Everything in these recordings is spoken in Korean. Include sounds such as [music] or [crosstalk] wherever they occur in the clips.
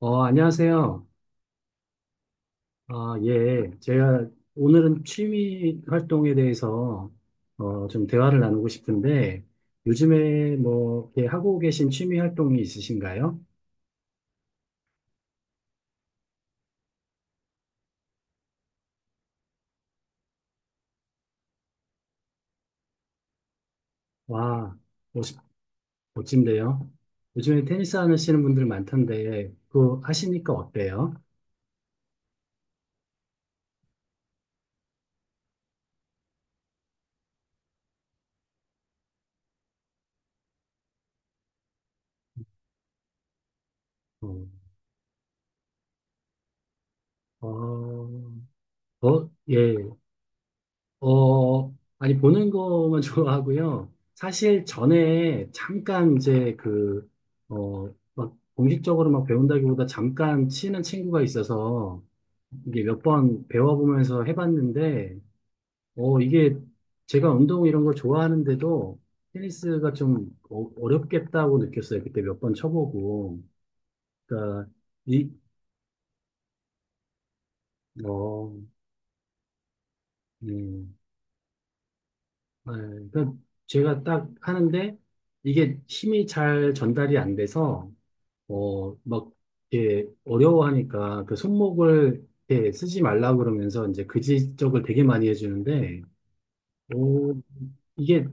안녕하세요. 예. 제가 오늘은 취미 활동에 대해서 좀 대화를 나누고 싶은데 요즘에 뭐 이렇게 하고 계신 취미 활동이 있으신가요? 와, 멋- 멋진데요. 요즘에 테니스 하시는 분들 많던데 그거 하시니까 어때요? 어, 어, 예. 어, 아니, 보는 거만 [laughs] 좋아하고요. 사실 전에 잠깐 이제 그, 어, 막 공식적으로 막 배운다기보다 잠깐 치는 친구가 있어서 이게 몇 번 배워보면서 해봤는데, 이게 제가 운동 이런 걸 좋아하는데도 테니스가 좀 어렵겠다고 느꼈어요. 그때 몇 번 쳐보고. 그러니까, 이, 어, 네. 네, 그러니까 제가 딱 하는데 이게 힘이 잘 전달이 안 돼서 막 이렇게 어려워하니까 그 손목을 이렇게 쓰지 말라고 그러면서 이제 그 지적을 되게 많이 해주는데 오, 이게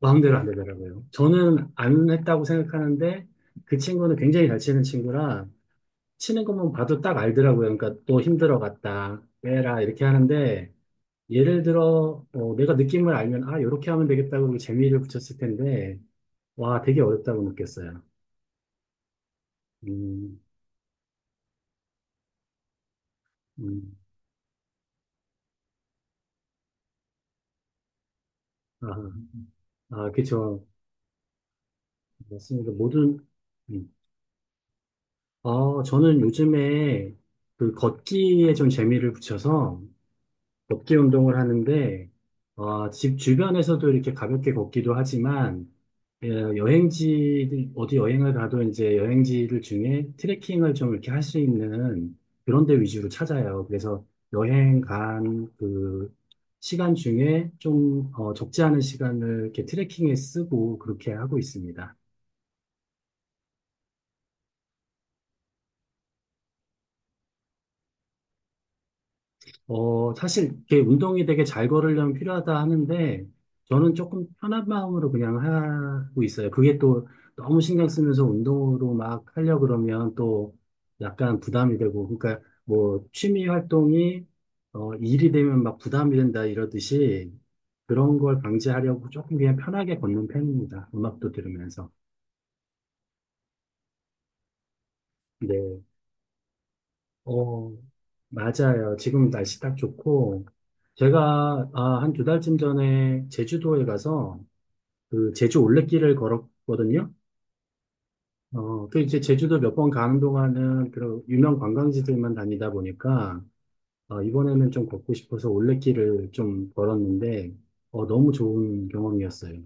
마음대로 안 되더라고요. 저는 안 했다고 생각하는데 그 친구는 굉장히 잘 치는 친구라 치는 것만 봐도 딱 알더라고요. 그러니까 또 힘들어 갔다 빼라 이렇게 하는데 예를 들어, 내가 느낌을 알면, 아, 이렇게 하면 되겠다, 고면 재미를 붙였을 텐데, 와, 되게 어렵다고 느꼈어요. 음, 음, 아, 아, 그쵸. 맞습니다. 모든, 음. 저는 요즘에 그 걷기에 좀 재미를 붙여서, 걷기 운동을 하는데, 집 주변에서도 이렇게 가볍게 걷기도 하지만, 예, 여행지, 어디 여행을 가도 이제 여행지들 중에 트레킹을 좀 이렇게 할 수 있는 그런 데 위주로 찾아요. 그래서 여행 간 그 시간 중에 좀, 적지 않은 시간을 이렇게 트레킹에 쓰고 그렇게 하고 있습니다. 사실 이게 운동이 되게 잘 걸으려면 필요하다 하는데 저는 조금 편한 마음으로 그냥 하고 있어요. 그게 또 너무 신경 쓰면서 운동으로 막 하려 그러면 또 약간 부담이 되고 그러니까 뭐 취미 활동이 일이 되면 막 부담이 된다 이러듯이 그런 걸 방지하려고 조금 그냥 편하게 걷는 편입니다. 음악도 들으면서. 네. 어, 맞아요. 지금 날씨 딱 좋고, 제가 한 두 달쯤 전에 제주도에 가서 그 제주 올레길을 걸었거든요. 그 이제 제주도 몇 번 가는 동안은 그런 유명 관광지들만 다니다 보니까, 이번에는 좀 걷고 싶어서 올레길을 좀 걸었는데, 너무 좋은 경험이었어요.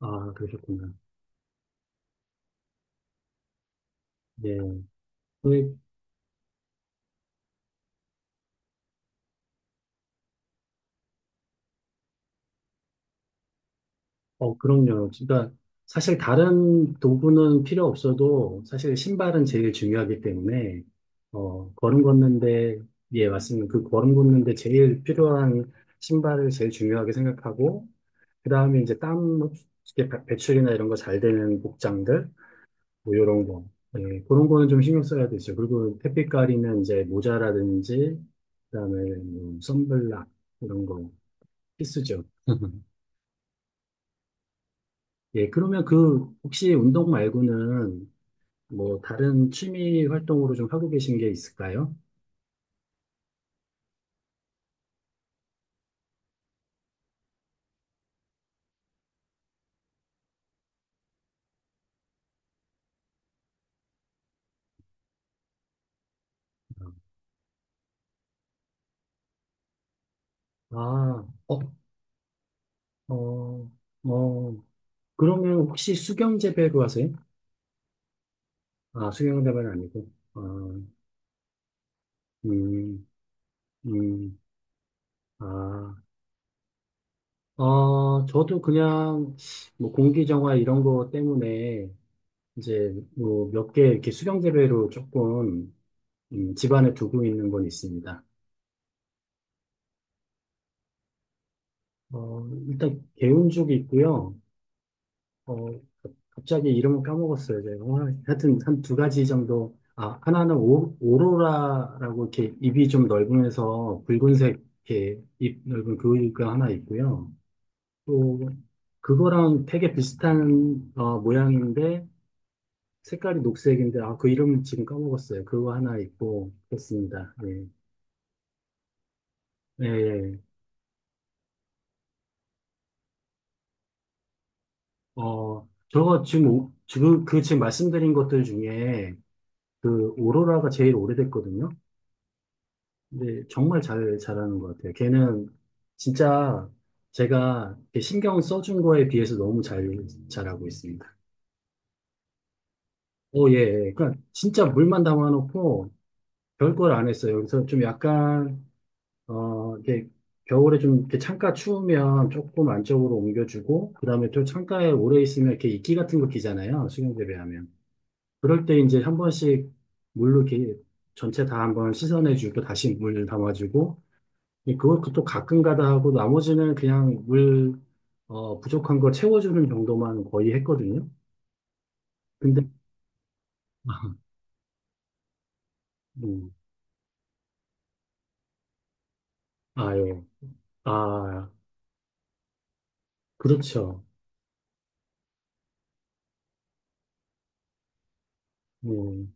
아, 그러셨구나. 예. 그럼요. 그러니까 사실 다른 도구는 필요 없어도 사실 신발은 제일 중요하기 때문에 걸음 걷는데 예, 맞습니다. 그 걸음 걷는데 제일 필요한 신발을 제일 중요하게 생각하고 그다음에 이제 땀 흡수제 배출이나 이런 거 잘 되는 복장들 뭐 이런 거 예, 그런 거는 좀 신경 써야 되죠. 그리고 햇빛 가리는 이제 모자라든지 그다음에 뭐 선블락 이런 거 필수죠. [laughs] 예, 그러면 그, 혹시 운동 말고는 뭐 다른 취미 활동으로 좀 하고 계신 게 있을까요? 아, 어, 어, 어, 그러면 혹시 수경재배로 하세요? 아, 수경재배는 아니고, 음, 음, 아, 저도 그냥 뭐 공기정화 이런 거 때문에 이제 뭐 몇 개 이렇게 수경재배로 조금 집안에 두고 있는 건 있습니다. 일단 개운죽이 있고요. 어, 갑자기 이름을 까먹었어요, 제가. 오늘 하여튼 한 두 가지 정도. 아, 하나는 오로라라고 이렇게 입이 좀 넓으면서 붉은색 이렇게 입 넓은 그이가 하나 있고요. 또 그거랑 되게 비슷한 모양인데 색깔이 녹색인데 아, 그 이름은 지금 까먹었어요. 그거 하나 있고 그렇습니다. 예. 예. 예. 저거 지금 그 지금 말씀드린 것들 중에 그 오로라가 제일 오래됐거든요. 네, 정말 잘하는 것 같아요. 걔는 진짜 제가 이렇게 신경 써준 거에 비해서 너무 잘하고 있습니다. 오, 예. 예. 그러니까 진짜 물만 담아놓고 별 걸 안 했어요. 그래서 좀 약간, 이게 겨울에 좀 이렇게 창가 추우면 조금 안쪽으로 옮겨주고, 그 다음에 또 창가에 오래 있으면 이렇게 이끼 같은 거 끼잖아요. 수경재배하면. 그럴 때 이제 한 번씩 물로 이렇게 전체 다 한번 씻어내주고, 다시 물 담아주고, 예, 그것도 가끔가다 하고 나머지는 그냥 물 부족한 거 채워주는 정도만 거의 했거든요. 근데 [laughs] 음, 아, 예. 아, 그렇죠. 음,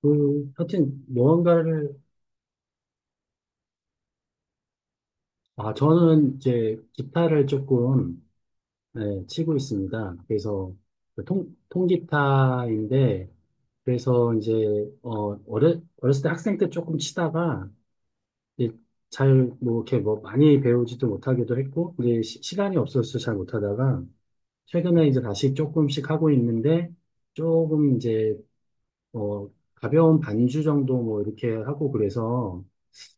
그, 하여튼, 무언가를, 아, 저는 이제 기타를 조금, 예, 치고 있습니다. 그래서, 그 통기타인데, 그래서 이제, 어렸을 때 학생 때 조금 치다가, 이제 잘, 뭐, 이렇게 뭐, 많이 배우지도 못하기도 했고, 이제 시, 간이 없어서 잘 못하다가, 최근에 이제 다시 조금씩 하고 있는데, 조금 이제, 어, 가벼운 반주 정도 뭐, 이렇게 하고 그래서,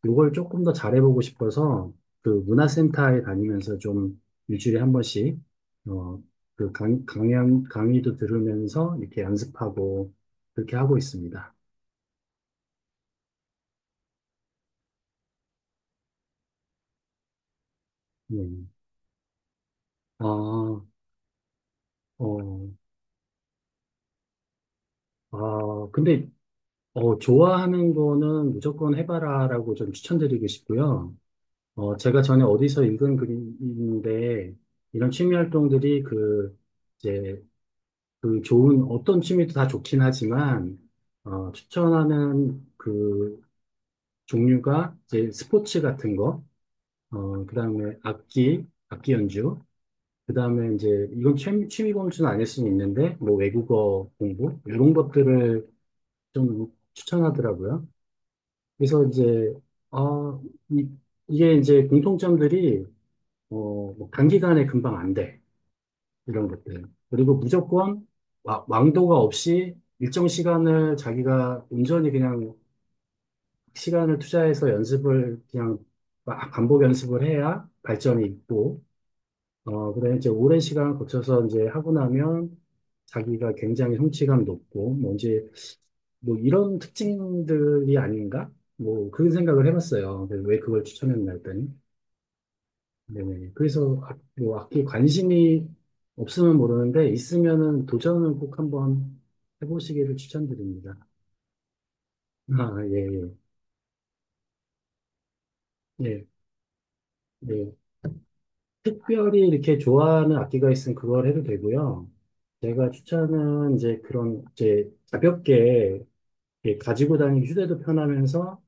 요걸 조금 더 잘해보고 싶어서, 그 문화센터에 다니면서 좀 일주일에 한 번씩, 어, 그 강의도 들으면서 이렇게 연습하고, 그렇게 하고 있습니다. 네. 아, 근데 좋아하는 거는 무조건 해봐라라고 좀 추천드리고 싶고요. 제가 전에 어디서 읽은 글인데, 이런 취미 활동들이 그, 이제, 그 좋은, 어떤 취미도 다 좋긴 하지만, 추천하는 그 종류가 이제 스포츠 같은 거, 그 다음에 악기 연주, 그 다음에 이제, 이건 취미 범주는 아닐 수는 있는데, 뭐 외국어 공부, 이런 것들을 좀 추천하더라고요. 그래서 이제, 아, 이, 게 이제 공통점들이, 뭐 단기간에 금방 안 돼. 이런 것들. 그리고 무조건 왕도가 없이 일정 시간을 자기가 온전히 그냥 시간을 투자해서 연습을 그냥 막 반복 연습을 해야 발전이 있고, 그래 이제 오랜 시간 거쳐서 이제 하고 나면 자기가 굉장히 성취감 높고, 뭔지 뭐 이런 특징들이 아닌가? 뭐 그런 생각을 해봤어요. 그래서 왜 그걸 추천했나 했더니 네네. 그래서 뭐 악기 관심이 없으면 모르는데 있으면은 도전을 꼭 한번 해보시기를 추천드립니다. 아, 예, 예, 예, 예. 특별히 이렇게 좋아하는 악기가 있으면 그걸 해도 되고요. 제가 추천은 이제 그런 이제 가볍게 이렇게 가지고 다니기 휴대도 편하면서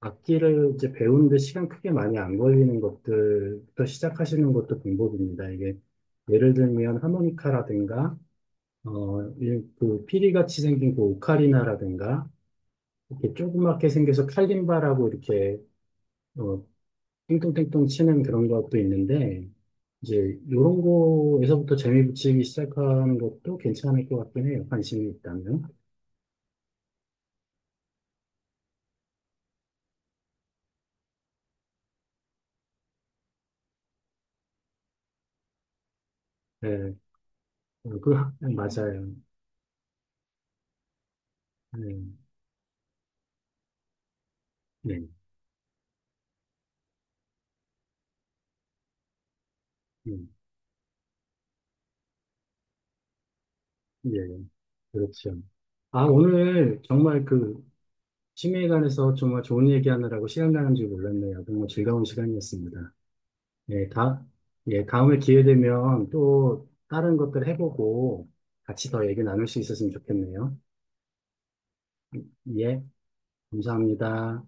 악기를 이제 배우는데 시간 크게 많이 안 걸리는 것들부터 시작하시는 것도 방법입니다. 이게 예를 들면 하모니카라든가 그 피리같이 생긴 그 오카리나라든가 이렇게 조그맣게 생겨서 칼림바라고 이렇게 어, 띵동띵동 치는 그런 것도 있는데 이제 이런 거에서부터 재미 붙이기 시작하는 것도 괜찮을 것 같긴 해요. 관심이 있다면. 네, 그 맞아요. 네, 네, 네, 예, 그렇죠. 아, 오늘 정말 그 취미에 관해서 정말 좋은 얘기하느라고 시간 가는 줄 몰랐네요. 정말 즐거운 시간이었습니다. 예, 다음에 기회 되면 또 다른 것들 해보고 같이 더 얘기 나눌 수 있었으면 좋겠네요. 예, 감사합니다.